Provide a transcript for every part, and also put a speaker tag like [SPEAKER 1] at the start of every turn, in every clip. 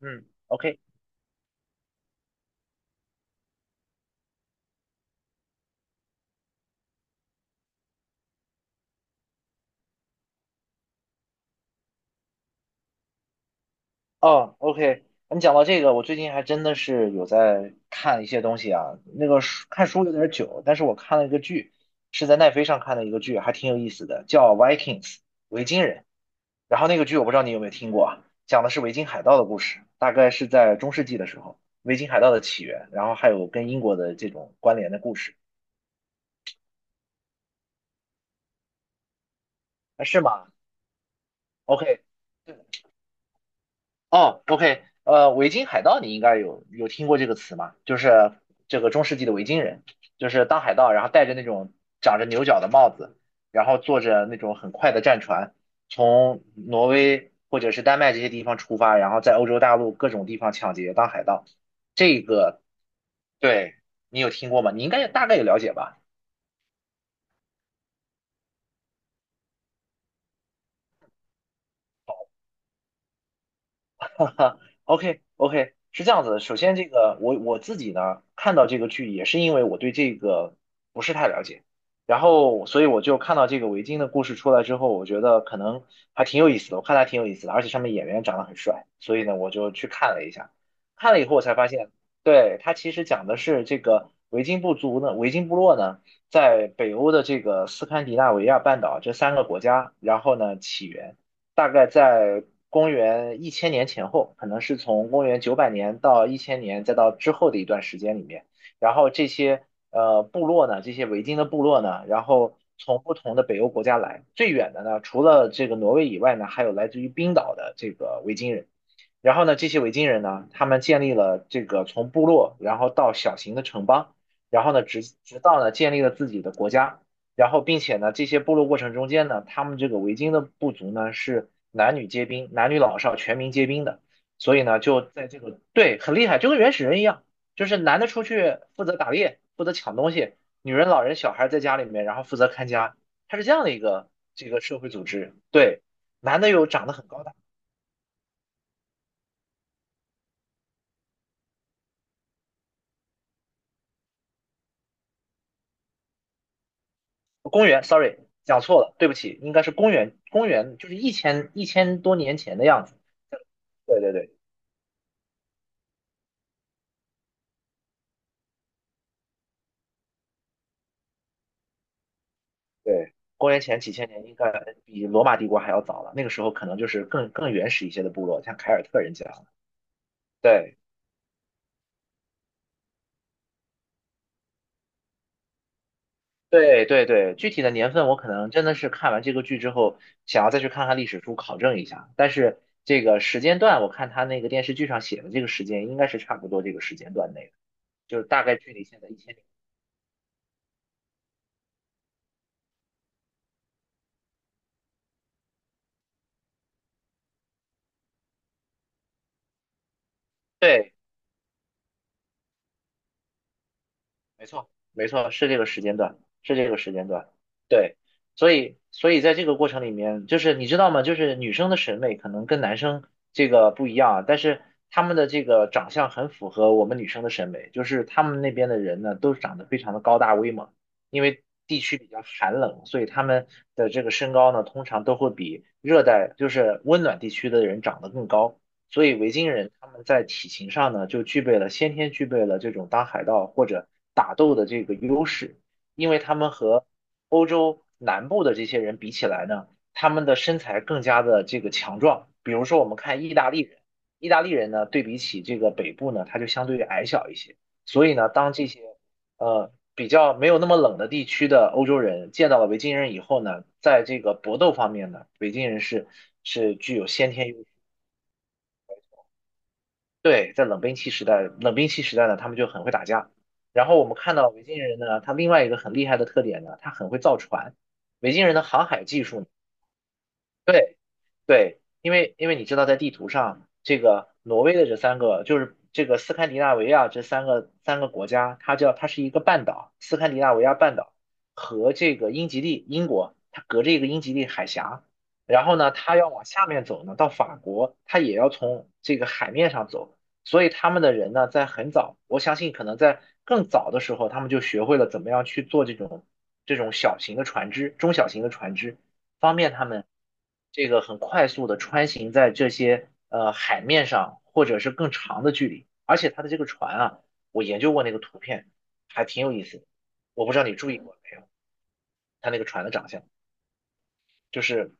[SPEAKER 1] 嗯，OK，哦，OK，你讲到这个，我最近还真的是有在看一些东西啊。那个看书有点久，但是我看了一个剧，是在奈飞上看的一个剧，还挺有意思的，叫《Vikings》维京人。然后那个剧我不知道你有没有听过啊，讲的是维京海盗的故事，大概是在中世纪的时候，维京海盗的起源，然后还有跟英国的这种关联的故事。啊，是吗？OK，对，哦，OK，维京海盗你应该有听过这个词吗？就是这个中世纪的维京人，就是当海盗，然后戴着那种长着牛角的帽子，然后坐着那种很快的战船，从挪威或者是丹麦这些地方出发，然后在欧洲大陆各种地方抢劫当海盗。这个，对，你有听过吗？你应该大概有了解吧？哈 OK OK，是这样子的。首先，这个我自己呢看到这个剧，也是因为我对这个不是太了解，然后所以我就看到这个维京的故事出来之后，我觉得可能还挺有意思的，我看它挺有意思的，而且上面演员长得很帅，所以呢我就去看了一下，看了以后我才发现，对，它其实讲的是这个维京部族呢，维京部落呢在北欧的这个斯堪的纳维亚半岛这三个国家，然后呢起源。大概在公元一千年前后，可能是从公元900年到一千年，再到之后的一段时间里面，然后这些部落呢，这些维京的部落呢，然后从不同的北欧国家来，最远的呢，除了这个挪威以外呢，还有来自于冰岛的这个维京人。然后呢，这些维京人呢，他们建立了这个从部落，然后到小型的城邦，然后呢，直到呢建立了自己的国家。然后并且呢，这些部落过程中间呢，他们这个维京的部族呢是男女皆兵，男女老少全民皆兵的，所以呢就在这个，对，很厉害，就跟原始人一样，就是男的出去负责打猎，负责抢东西，女人、老人、小孩在家里面，然后负责看家，它是这样的一个这个社会组织。对，男的又长得很高大，公元，sorry，讲错了，对不起，应该是公元就是一千多年前的样子。对对对。对，公元前几千年应该比罗马帝国还要早了，那个时候可能就是更原始一些的部落，像凯尔特人这样。对对对对，具体的年份我可能真的是看完这个剧之后，想要再去看看历史书考证一下。但是这个时间段，我看他那个电视剧上写的这个时间，应该是差不多这个时间段内的，就是大概距离现在一千年。对没错，没错，是这个时间段，是这个时间段，对，所以在这个过程里面，就是你知道吗？就是女生的审美可能跟男生这个不一样啊，但是他们的这个长相很符合我们女生的审美，就是他们那边的人呢，都长得非常的高大威猛，因为地区比较寒冷，所以他们的这个身高呢，通常都会比热带，就是温暖地区的人长得更高。所以维京人他们在体型上呢，就具备了先天具备了这种当海盗或者打斗的这个优势，因为他们和南部的这些人比起来呢，他们的身材更加的这个强壮。比如说我们看意大利人，意大利人呢，对比起这个北部呢，他就相对于矮小一些，所以呢，当这些比较没有那么冷的地区的欧洲人见到了维京人以后呢，在这个搏斗方面呢，维京人是具有先天优。对，在冷兵器时代，冷兵器时代呢，他们就很会打架。然后我们看到维京人呢，他另外一个很厉害的特点呢，他很会造船。维京人的航海技术。对对，因为你知道，在地图上，这个挪威的这三个，就是这个斯堪的纳维亚这三个国家，它是一个半岛，斯堪的纳维亚半岛和这个英吉利英国，它隔着一个英吉利海峡，然后呢，它要往下面走呢，到法国，它也要从这个海面上走，所以他们的人呢，在很早，我相信可能在更早的时候，他们就学会了怎么样去做这种小型的船只、中小型的船只。方便他们这个很快速的穿行在这些海面上，或者是更长的距离。而且它的这个船啊，我研究过那个图片，还挺有意思的。我不知道你注意过没有，它那个船的长相，就是，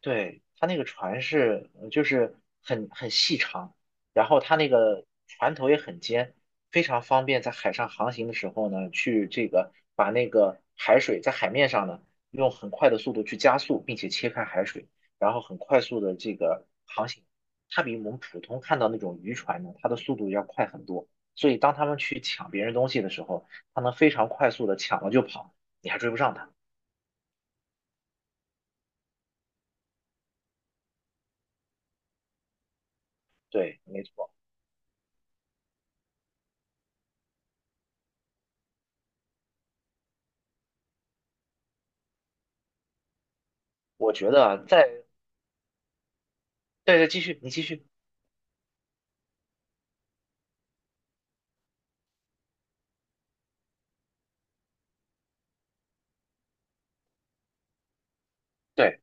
[SPEAKER 1] 对，它那个船是就是很细长，然后它那个船头也很尖，非常方便在海上航行的时候呢，去这个把那个海水在海面上呢，用很快的速度去加速，并且切开海水，然后很快速的这个航行。它比我们普通看到那种渔船呢，它的速度要快很多，所以当他们去抢别人东西的时候，它能非常快速的抢了就跑，你还追不上它。对，没错，我觉得在，对对，继续，你继续。对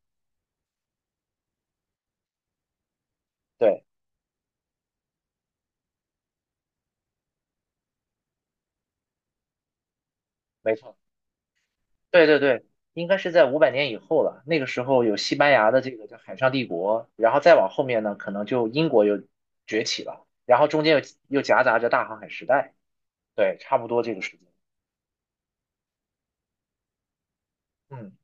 [SPEAKER 1] 对，没错。对对对，应该是在500年以后了。那个时候有西班牙的这个叫海上帝国，然后再往后面呢，可能就英国又崛起了，然后中间又夹杂着大航海时代。对，差不多这个时间。嗯。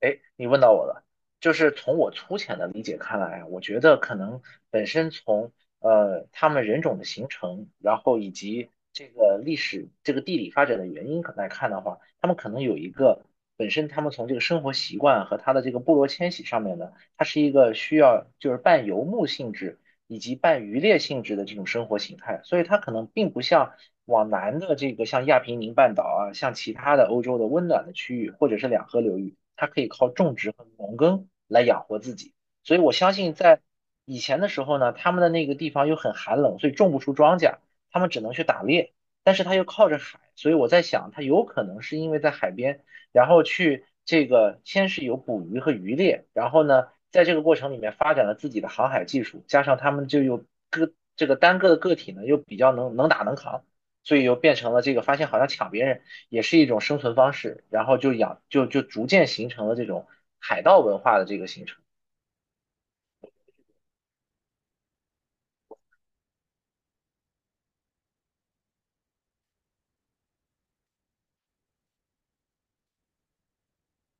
[SPEAKER 1] 哎，你问到我了，就是从我粗浅的理解看来啊我觉得可能本身从他们人种的形成，然后以及这个历史、这个地理发展的原因来看的话，他们可能有一个本身他们从这个生活习惯和他的这个部落迁徙上面呢，它是一个需要就是半游牧性质以及半渔猎性质的这种生活形态，所以它可能并不像往南的这个像亚平宁半岛啊，像其他的欧洲的温暖的区域或者是两河流域，它可以靠种植和农耕来养活自己。所以我相信在以前的时候呢，他们的那个地方又很寒冷，所以种不出庄稼，他们只能去打猎，但是他又靠着海，所以我在想，他有可能是因为在海边，然后去。这个先是有捕鱼和渔猎，然后呢，在这个过程里面发展了自己的航海技术，加上他们就有个这个单个的个体呢又比较能打能扛，所以又变成了这个发现好像抢别人也是一种生存方式，然后就养就就逐渐形成了这种海盗文化的这个形成。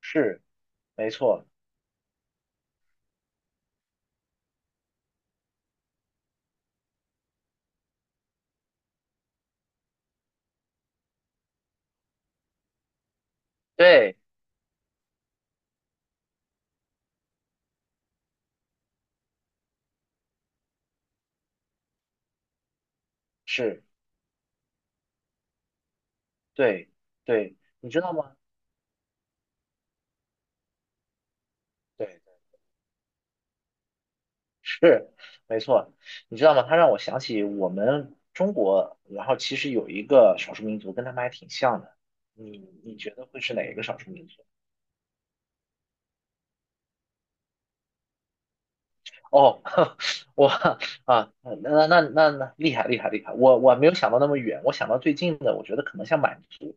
[SPEAKER 1] 是，没错，对，是，对，对，你知道吗？对。是，没错，你知道吗？他让我想起我们中国，然后其实有一个少数民族跟他们还挺像的。你觉得会是哪一个少数民族？哦，我啊，嗯那那那那厉害厉害厉害！我没有想到那么远，我想到最近的，我觉得可能像满族。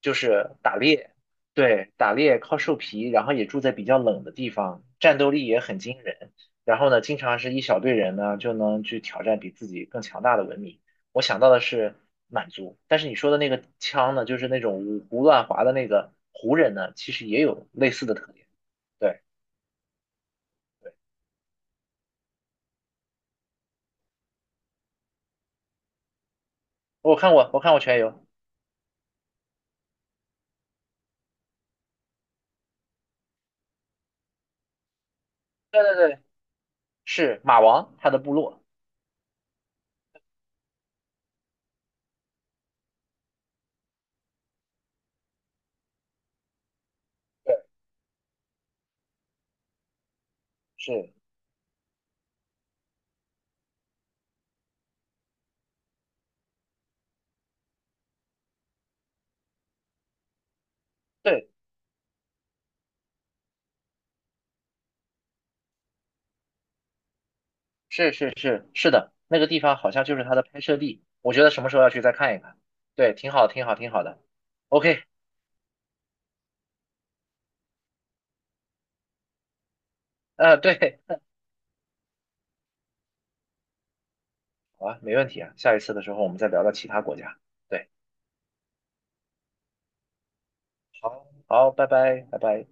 [SPEAKER 1] 就是打猎，对，打猎靠兽皮，然后也住在比较冷的地方，战斗力也很惊人。然后呢，经常是一小队人呢就能去挑战比自己更强大的文明。我想到的是满族，但是你说的那个枪呢，就是那种五胡乱华的那个胡人呢，其实也有类似的特点。对对，我看过，我看过全游。对对对，是马王他的部落。对，是。对。是是是是的，那个地方好像就是它的拍摄地，我觉得什么时候要去再看一看。对，挺好，挺好，挺好的。OK，对，好啊，没问题啊。下一次的时候我们再聊聊其他国家。对，好，好，拜拜，拜拜。